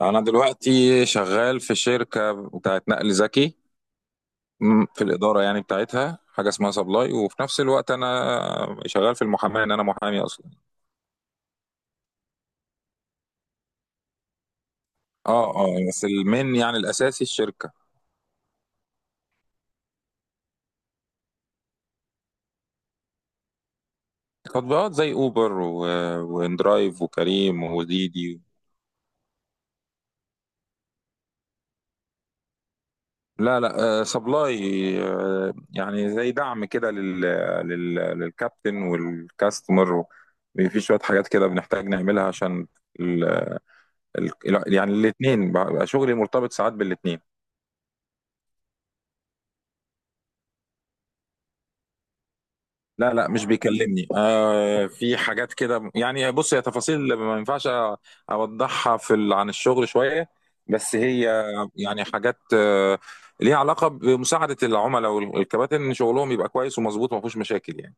انا دلوقتي شغال في شركه بتاعت نقل ذكي. في الاداره يعني بتاعتها حاجه اسمها سبلاي، وفي نفس الوقت انا شغال في المحاماه، ان انا محامي اصلا. اه اه، بس المين يعني الاساسي الشركه. تطبيقات زي اوبر واندرايف وكريم وديدي. لا لا، سبلاي. يعني زي دعم كده للكابتن والكاستمر. في شويه حاجات كده بنحتاج نعملها عشان ال- يعني الاثنين بقى شغلي مرتبط ساعات بالاثنين. لا لا، مش بيكلمني، في حاجات كده يعني. بص، هي تفاصيل ما ينفعش اوضحها عن الشغل شوية. بس هي يعني حاجات ليها علاقة بمساعدة العملاء والكباتن، ان شغلهم يبقى كويس ومظبوط وما فيهوش مشاكل يعني.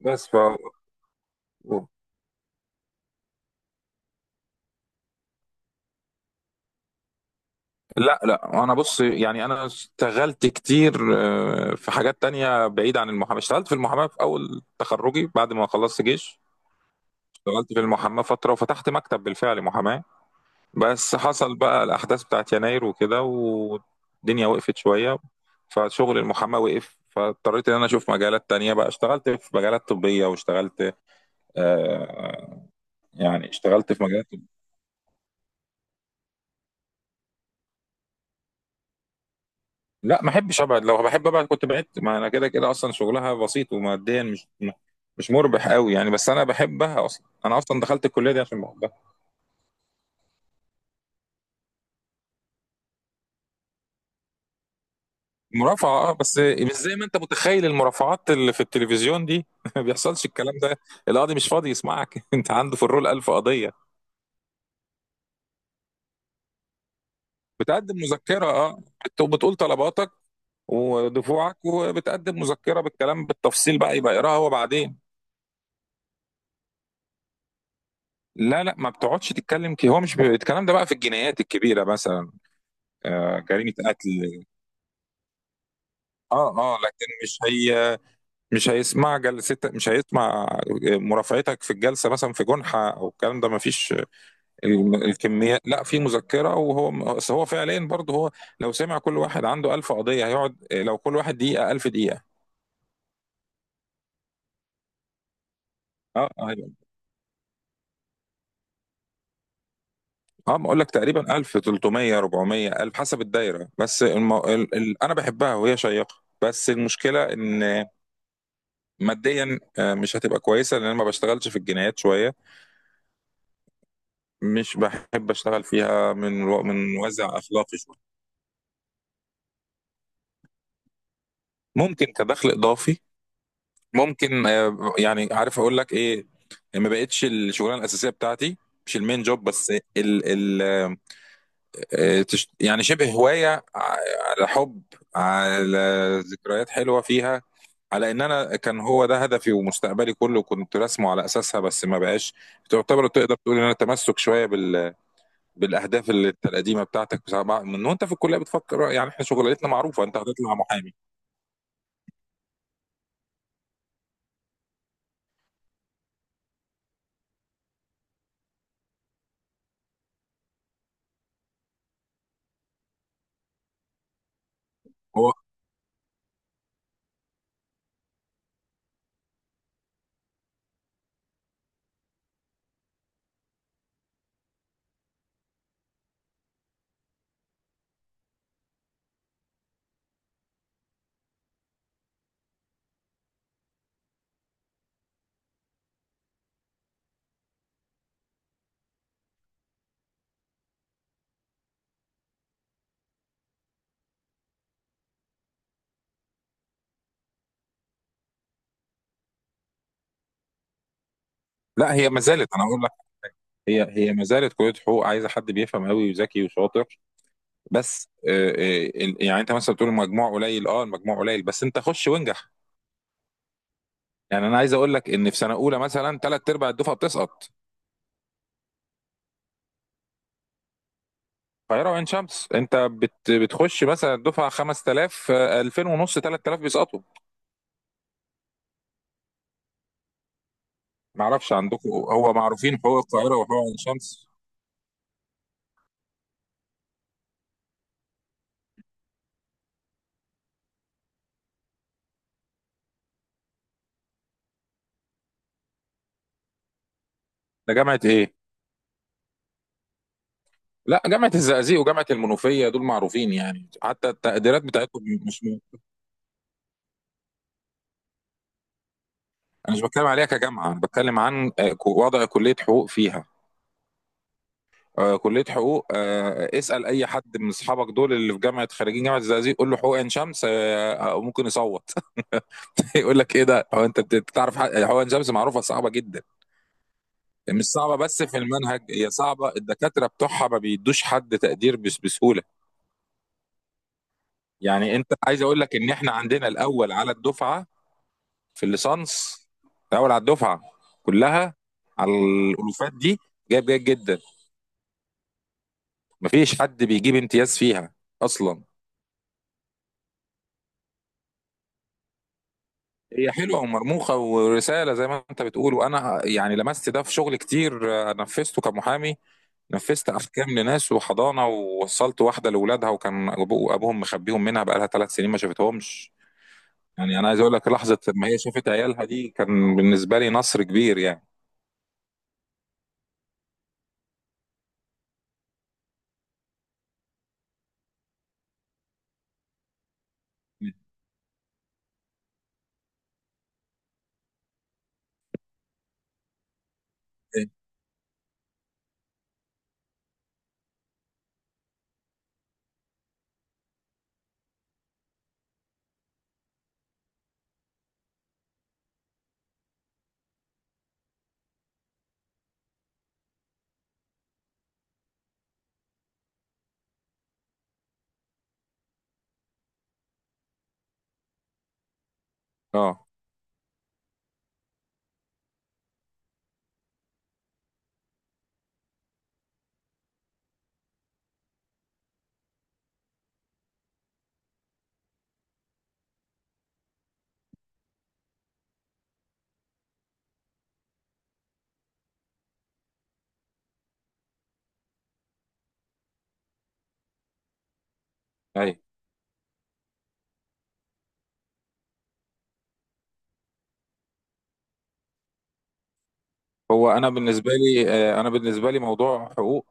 بس ف لا لا، انا بص، يعني انا اشتغلت كتير في حاجات تانية بعيدة عن المحاماة. اشتغلت في المحاماة في اول تخرجي بعد ما خلصت جيش، اشتغلت في المحاماة فترة وفتحت مكتب بالفعل محاماة. بس حصل بقى الأحداث بتاعت يناير وكده، والدنيا وقفت شوية، فشغل المحاماة وقف، فاضطريت إن أنا أشوف مجالات تانية بقى. اشتغلت في مجالات طبية واشتغلت آه يعني اشتغلت في مجالات لا، ما أحبش أبعد، لو بحب أبعد كنت بعدت، ما أنا كده كده أصلا شغلها بسيط وماديا مش مربح قوي يعني، بس أنا بحبها أصلا، أنا أصلا دخلت الكلية دي عشان بحبها. مرافعة، اه، بس مش زي ما انت متخيل المرافعات اللي في التلفزيون دي ما بيحصلش الكلام ده. القاضي مش فاضي يسمعك انت عنده في الرول ألف قضية. بتقدم مذكرة، اه، بتقول طلباتك ودفوعك، وبتقدم مذكرة بالكلام بالتفصيل بقى، يبقى يقراها هو بعدين. لا لا، ما بتقعدش تتكلم، كي هو مش ب... الكلام ده بقى في الجنايات الكبيرة مثلا. آه، جريمة قتل. اه اه، لكن مش هي، مش هيسمع جلستك، مش هيسمع مرافعتك في الجلسة مثلا في جنحة، او الكلام ده ما فيش الكمية. لا، في مذكرة، وهو بس هو فعليا برضه هو، لو سمع كل واحد عنده 1000 قضية هيقعد لو كل واحد دقيقة 1000 دقيقة. اه، اه بقول لك تقريبا 1000 300 400 1000 حسب الدايرة. بس انا بحبها وهي شيقة، بس المشكلة ان ماديا مش هتبقى كويسة، لان انا ما بشتغلش في الجنايات شوية، مش بحب اشتغل فيها من وازع اخلاقي شوية. ممكن كدخل اضافي. ممكن يعني عارف اقول لك ايه، ما بقتش الشغلانه الاساسيه بتاعتي، مش المين جوب بس. ال ال يعني شبه هوايه، ع- على حب، على ذكريات حلوه فيها، على ان انا كان هو ده هدفي ومستقبلي كله كنت راسمه على اساسها، بس ما بقاش. تعتبر تقدر تقول ان انا تمسك شويه بالاهداف القديمه بتاعتك، من وانت في الكليه بتفكر يعني احنا شغلتنا معروفه، انت هتطلع محامي. هو لا، هي ما زالت، انا اقول لك، هي ما زالت كليه حقوق عايزه حد بيفهم قوي وذكي وشاطر. بس يعني انت مثلا بتقول المجموع قليل. اه، المجموع قليل بس انت خش وانجح. يعني انا عايز اقول لك ان في سنه اولى مثلا ثلاث ارباع الدفعه بتسقط. القاهره وعين شمس، انت بتخش مثلا الدفعه 5000، 2000 ونص 3000 بيسقطوا. ما اعرفش عندكم، هو معروفين حقوق القاهره وحقوق عين شمس. ده جامعه ايه؟ لا، جامعه الزقازيق وجامعه المنوفيه دول معروفين يعني، حتى التقديرات بتاعتهم مش... انا مش بتكلم عليها كجامعه، انا بتكلم عن وضع كليه حقوق فيها. كليه حقوق، اسال اي حد من اصحابك دول اللي في جامعه، خريجين جامعه الزقازيق، قول له حقوق عين شمس ممكن يصوت يقول لك ايه ده. هو انت بتعرف حقوق عين شمس معروفه صعبه جدا. مش صعبه بس في المنهج، هي صعبه، الدكاتره بتوعها ما بيدوش حد تقدير بس بسهوله. يعني انت عايز اقول لك ان احنا عندنا الاول على الدفعه، في الليسانس، الاول على الدفعه كلها، على الالوفات دي، جايب جيد جدا. مفيش حد بيجيب امتياز فيها اصلا. هي حلوه ومرموقه ورساله زي ما انت بتقول، وانا يعني لمست ده في شغل كتير نفذته كمحامي. نفذت احكام لناس وحضانه، ووصلت واحده لاولادها، وكان ابوهم مخبيهم منها بقالها 3 سنين ما شافتهمش. يعني انا عايز اقول لك، لحظه ما هي شافت عيالها دي كان بالنسبه لي نصر كبير يعني. اه اي، انا بالنسبه لي، انا بالنسبه لي موضوع حقوق،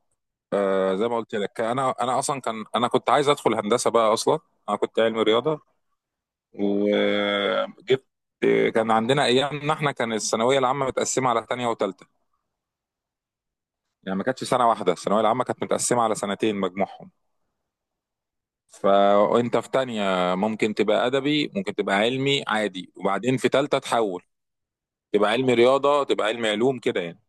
زي ما قلت لك، انا انا اصلا كان انا كنت عايز ادخل هندسه بقى اصلا. انا كنت علمي رياضه وجبت كان عندنا، ايامنا احنا كان الثانويه العامه متقسمه على ثانيه وثالثه، يعني ما كانتش سنه واحده، الثانويه العامه كانت متقسمه على سنتين مجموعهم. فانت في تانية ممكن تبقى ادبي، ممكن تبقى علمي عادي، وبعدين في تالتة تحول تبقى علمي رياضه، تبقى علمي علوم كده يعني.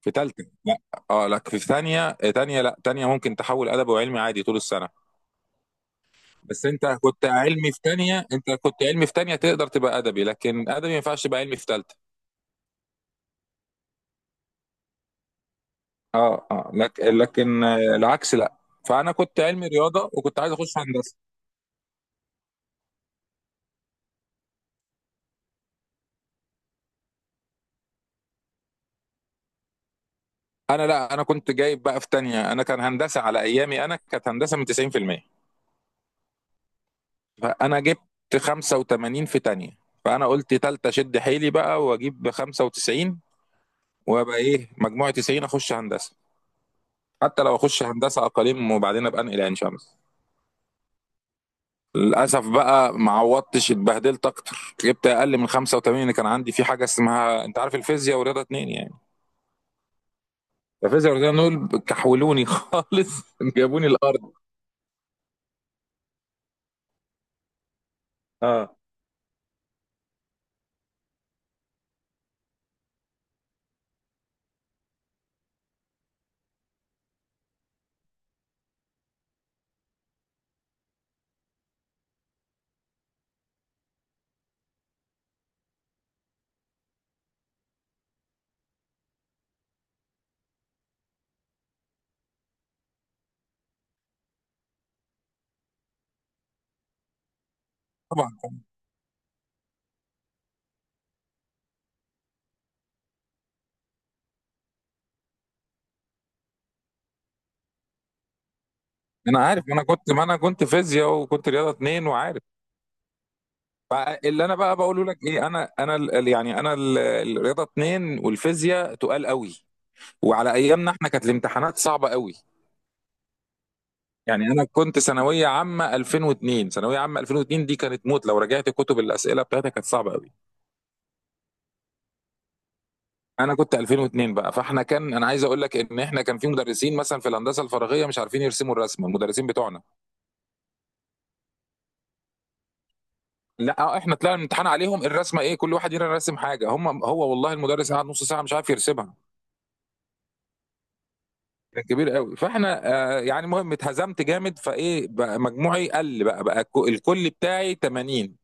في تالتة لا، اه لا، في ثانية تانية، لا تانية ممكن تحول أدبي وعلمي عادي طول السنة. بس أنت كنت علمي في تانية، أنت كنت علمي في تانية تقدر تبقى أدبي، لكن أدبي ما ينفعش تبقى علمي في تالتة. اه اه، لكن العكس لا. فأنا كنت علمي رياضة وكنت عايز أخش هندسة. أنا، لا، أنا كنت جايب بقى في تانية، أنا كان هندسة على أيامي، أنا كانت هندسة من 90%. فأنا جبت 85 في تانية، فأنا قلت تالتة شد حيلي بقى وأجيب 95، وأبقى إيه مجموعة 90، أخش هندسة. حتى لو اخش هندسه اقاليم وبعدين ابقى انقل عين شمس. للاسف بقى ما عوضتش، اتبهدلت اكتر، جبت اقل من 85 اللي كان عندي، في حاجه اسمها انت عارف، الفيزياء ورياضه اتنين يعني. الفيزياء ورياضه اتنين دول كحولوني خالص، جابوني الارض. اه طبعا انا عارف، ما انا كنت فيزياء وكنت رياضه اتنين وعارف. فاللي انا بقى بقوله لك ايه، يعني الرياضه اتنين والفيزياء تقال قوي، وعلى ايامنا احنا كانت الامتحانات صعبه قوي. يعني انا كنت ثانويه عامه 2002، ثانويه عامه 2002 دي كانت موت، لو رجعت كتب الاسئله بتاعتها كانت صعبه قوي. انا كنت 2002 بقى، فاحنا كان، انا عايز اقول لك ان احنا كان في مدرسين مثلا في الهندسه الفراغيه مش عارفين يرسموا الرسمه، المدرسين بتوعنا. لا، احنا طلعنا الامتحان عليهم الرسمه ايه، كل واحد يرسم رسم حاجه، هم هو والله المدرس قعد نص ساعه مش عارف يرسمها. كان كبير قوي، فاحنا يعني المهم اتهزمت جامد، فايه بقى مجموعي قل بقى الكل بتاعي 80.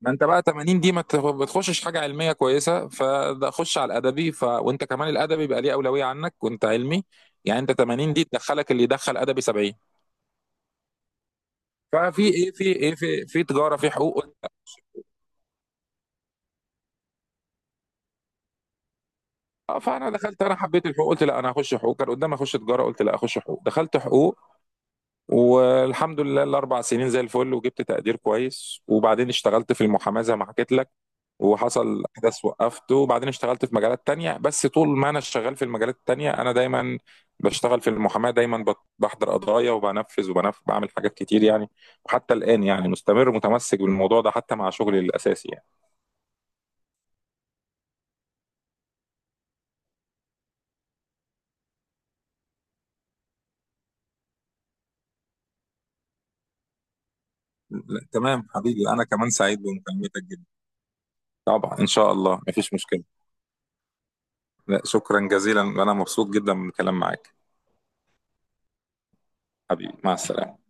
ما انت بقى 80 دي، ما تخ- بتخشش حاجه علميه كويسه، فده خش على الادبي. وانت كمان الادبي بقى ليه اولويه عنك وانت علمي، يعني انت 80 دي تدخلك اللي يدخل ادبي 70. ففي ايه في تجاره، في حقوق. اه، فانا دخلت، انا حبيت الحقوق، قلت لا، انا هخش حقوق. كان قدامي اخش تجاره، قلت لا، اخش حقوق، دخلت حقوق، والحمد لله الاربع سنين زي الفل، وجبت تقدير كويس، وبعدين اشتغلت في المحاماه زي ما حكيت لك. وحصل حدث وقفته، وبعدين اشتغلت في مجالات تانية، بس طول ما انا شغال في المجالات التانية انا دايما بشتغل في المحاماة، دايما بحضر قضايا وبنفذ بعمل حاجات كتير يعني، وحتى الآن يعني مستمر متمسك بالموضوع ده حتى مع شغلي الأساسي يعني. لا تمام حبيبي، انا كمان سعيد بمكالمتك جدا، طبعا ان شاء الله مفيش مشكلة. لا، شكرا جزيلا، انا مبسوط جدا من الكلام معاك. حبيبي، مع السلامة.